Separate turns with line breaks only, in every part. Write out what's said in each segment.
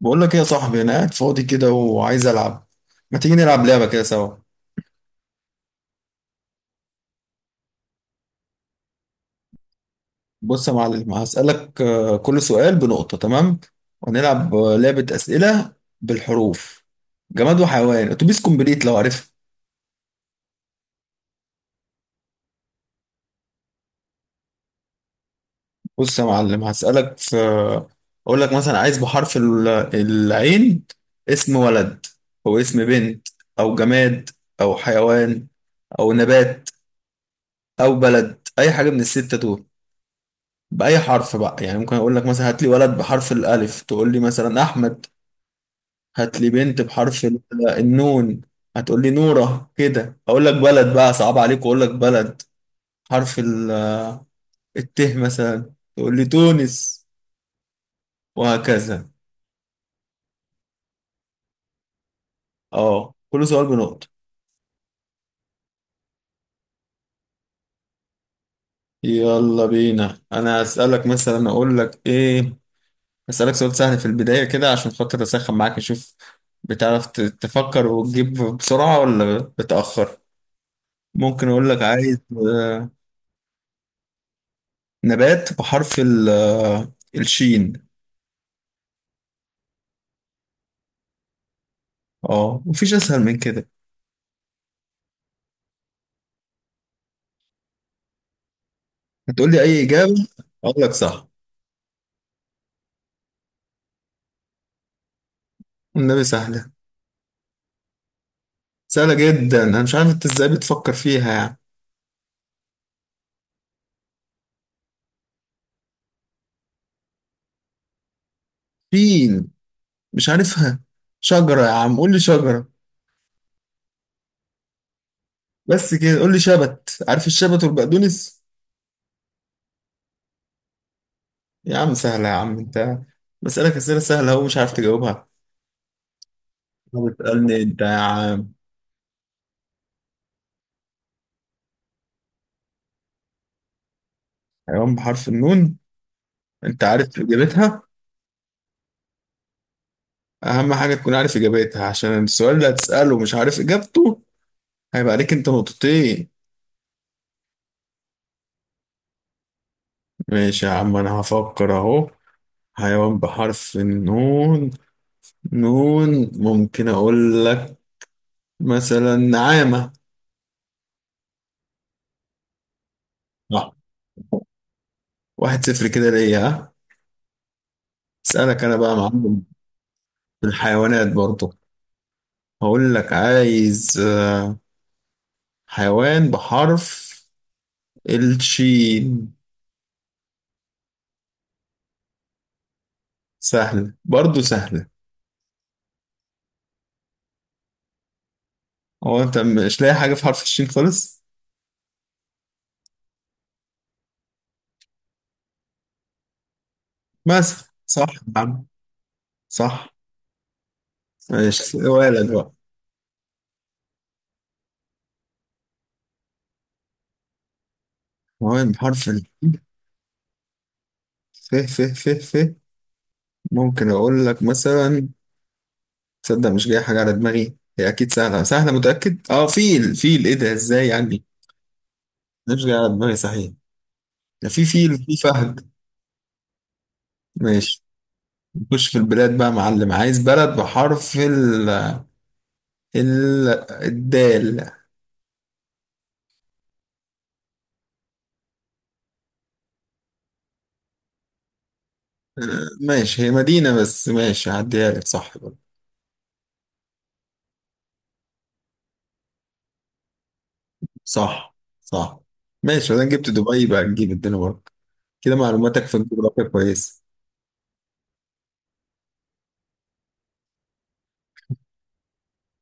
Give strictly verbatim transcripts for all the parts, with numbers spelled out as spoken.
بقول لك ايه يا صاحبي؟ انا قاعد فاضي كده وعايز العب. ما تيجي نلعب لعبه كده سوا؟ بص يا معلم، هسالك آه، كل سؤال بنقطه، تمام؟ وهنلعب آه، لعبه اسئله بالحروف. جماد وحيوان اتوبيس كومبليت، لو عارفها. بص يا معلم، هسالك في آه، اقول لك مثلا عايز بحرف ال- العين اسم ولد، او اسم بنت، او جماد، او حيوان، او نبات، او بلد، اي حاجه من السته دول، بأي حرف بقى. يعني ممكن أقول لك مثلا هات لي ولد بحرف الألف، تقول لي مثلا أحمد. هات لي بنت بحرف ال- النون، هتقول لي نورة. كده أقول لك بلد بقى صعب عليك، وأقول لك بلد حرف ال- الت مثلا، تقول لي تونس، وهكذا. أه، كل سؤال بنقطة. يلا بينا. أنا أسألك مثلا، أقول لك إيه؟ أسألك سؤال سهل في البداية كده، عشان خاطر أسخن معاك، أشوف بتعرف ت- تفكر وتجيب بسرعة ولا بتأخر. ممكن أقول لك عايز نبات بحرف ال- آه، الشين. اه، مفيش اسهل من كده. هتقول لي اي اجابه اقول لك صح. النبي سهله. سهله جدا، انا مش عارف انت ازاي بتفكر فيها يعني. شين، مش عارفها. شجره يا عم، قول لي شجره. بس كده، قول لي شبت، عارف الشبت والبقدونس؟ يا عم سهله، يا عم انت. بسألك اسئله سهله اهو، مش عارف تجاوبها. ما بتسألني انت يا عم. حيوان بحرف النون. انت عارف اجابتها؟ اهم حاجه تكون عارف اجابتها، عشان السؤال اللي هتسأله مش عارف اجابته هيبقى عليك انت نقطتين. ماشي يا عم، انا هفكر اهو. حيوان بحرف النون. نون ممكن اقول لك مثلا نعامة. صح. واحد صفر كده ليا، ها. اسألك انا بقى يا معلم. في الحيوانات برضه. هقول لك عايز آه، حيوان بحرف الشين. سهل برضه، سهلة. هو انت مش لاقي حاجة في حرف الشين خالص؟ مثلا. صح يا عم. صح. ماشي، ولد بقى. حيوان بحرف الشين. فيه فيه فيه فيه ممكن اقول لك مثلا. تصدق مش جاي حاجه على دماغي؟ هي اكيد سهله، سهله متاكد. اه، فيل، فيل! ايه ده، ازاي يعني؟ مش جاي على دماغي صحيح. ده في فيل، في فهد. ماشي. نخش في البلاد بقى يا معلم، عايز بلد بحرف ال ال الدال آه، ماشي، هي مدينه بس، ماشي هعديها لك. صح برضه. صح. صح. ماشي، انا جبت دبي بقى، نجيب الدنيا برضه. كده معلوماتك في الجغرافيا كويسه.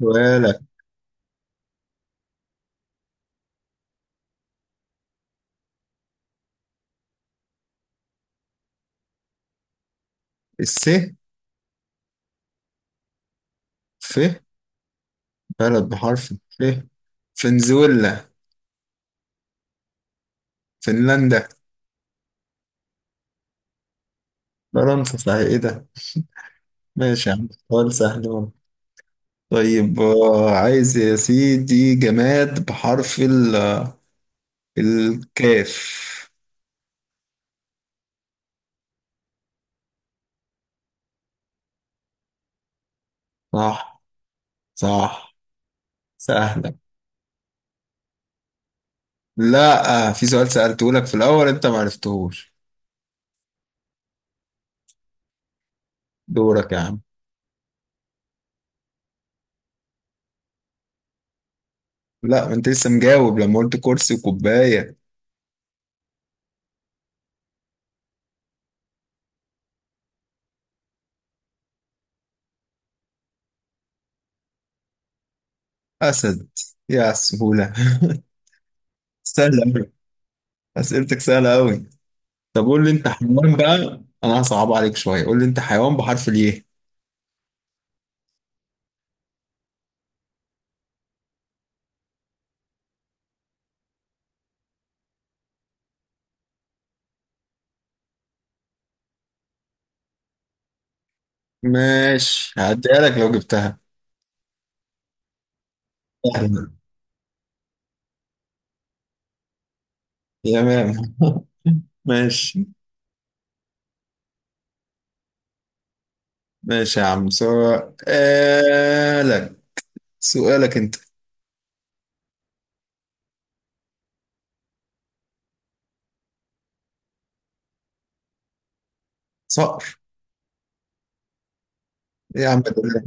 ولا الس ف بلد بحرف ف فنزويلا، فنلندا، فرنسا. صحيح، ايه ده! ماشي يا عم، سؤال سهل أهو. طيب، آه، عايز يا سيدي جماد بحرف ال- الكاف. صح. صح. سهلة. لا، آه، في سؤال سألته لك في الأول أنت معرفتهوش. دورك يا عم. لا، ما أنت لسه مجاوب لما قلت كرسي وكوباية. أسد. يا على السهولة! سهلة أوي. أسئلتك سهلة أوي. طب قول لي انت حيوان بقى، انا هصعب عليك شويه. قول لي انت حيوان بحرف الايه؟ ماشي هعديها لك لو جبتها. سهلة. يا مام! ماشي. ماشي يا عم سؤالك. سؤالك انت. صقر. إيه يا عم ده!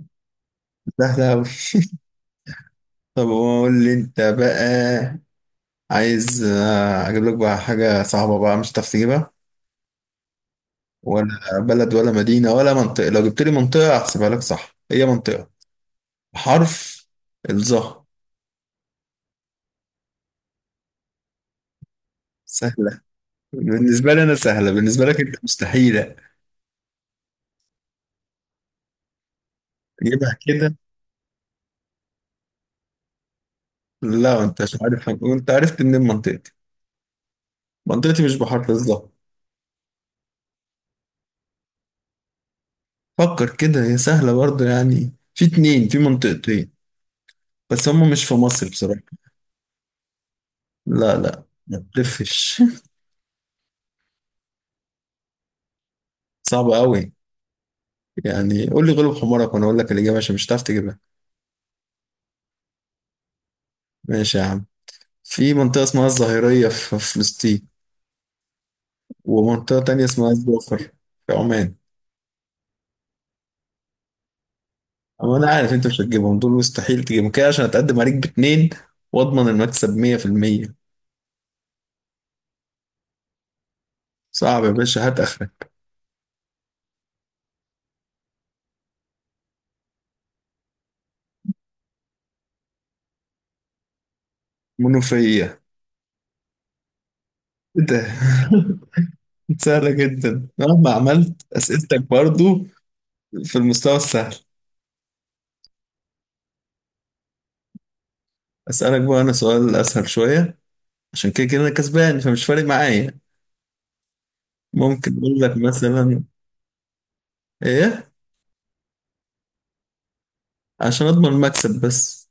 ده ده أوي. طب قول لي انت بقى. عايز آه، اجيب لك بقى حاجه صعبه بقى مش هتعرف تجيبها، ولا بلد، ولا مدينه، ولا منطقه. لو جبت لي منطقه هحسبها لك صح، هي منطقه. حرف الظهر. سهل بالنسبة لي أنا، سهلة. بالنسبة لك أنت مستحيلة تجيبها كده. لا، أنت مش عارف. وأنت عرفت منين منطقتي؟ منطقتي مش بحر بالظبط. فكر كده، هي سهلة برضه يعني. في اتنين، في منطقتين. بس هم مش في مصر بصراحة. لا لا، ما تلفش. صعبة أوي. يعني قول لي غلب حمارك، وأنا أقول لك الإجابة عشان مش هتعرف تجيبها. ماشي يا عم. في منطقة اسمها الظهيرية في في فلسطين، ومنطقة تانية اسمها الظفر في عمان. وانا عارف انت مش هتجيبهم دول، مستحيل تجيبهم كده، عشان اتقدم عليك باتنين واضمن المكسب مية في المية. صعب يا باشا؟ هات اخرك. منوفية. ايه ده! سهلة جدا، مهما عملت اسئلتك برضو في المستوى السهل. اسألك بقى انا سؤال اسهل شوية، عشان كده كده انا كسبان فمش فارق معايا. ممكن اقول لك مثلا ايه؟ عشان اضمن المكسب بس.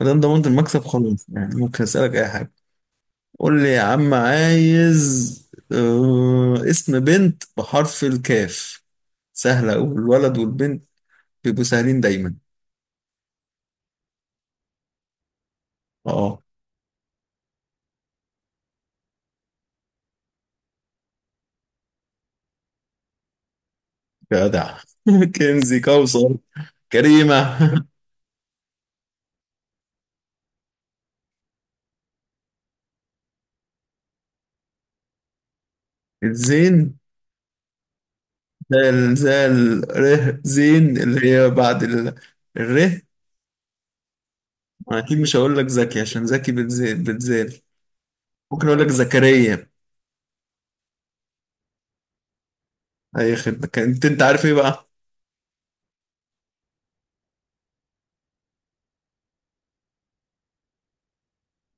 ما دام ضمنت المكسب خلاص يعني، ممكن اسألك اي حاجة. قول لي يا عم، عايز آه، اسم بنت بحرف الكاف. سهلة، والولد والبنت بيبقوا سهلين دايما. اه. جدع. كنزي، كوثر، كريمة. الزين! زال، زال. ره، زين اللي هي بعد ال... الره. أنا أكيد مش هقول لك زكي، عشان زكي بتزال، بتزال. ممكن أقول لك زكريا. أي خدمة. كنت أنت عارف إيه بقى؟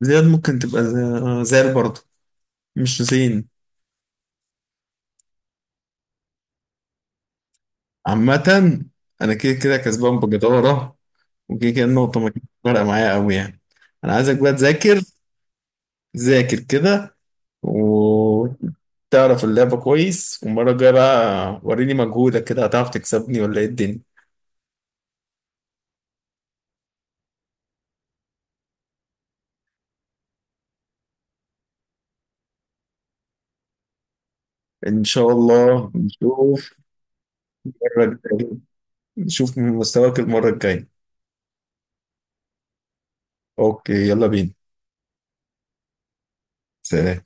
زياد ممكن تبقى ز- آه، زال برضه، مش زين. عامة، أنا كده كده كسبان بجدارة، وكده كده النقطة ما كانتش فارقة معايا أوي يعني. أنا عايزك بقى تذاكر. ذاكر كده وتعرف اللعبة كويس، والمرة الجاية بقى وريني مجهودك، كده هتعرف تكسبني ولا إيه الدنيا. إن شاء الله نشوف. المرة الجاية نشوف من مستواك. المرة الجاية. أوكي، يلا بينا. سلام.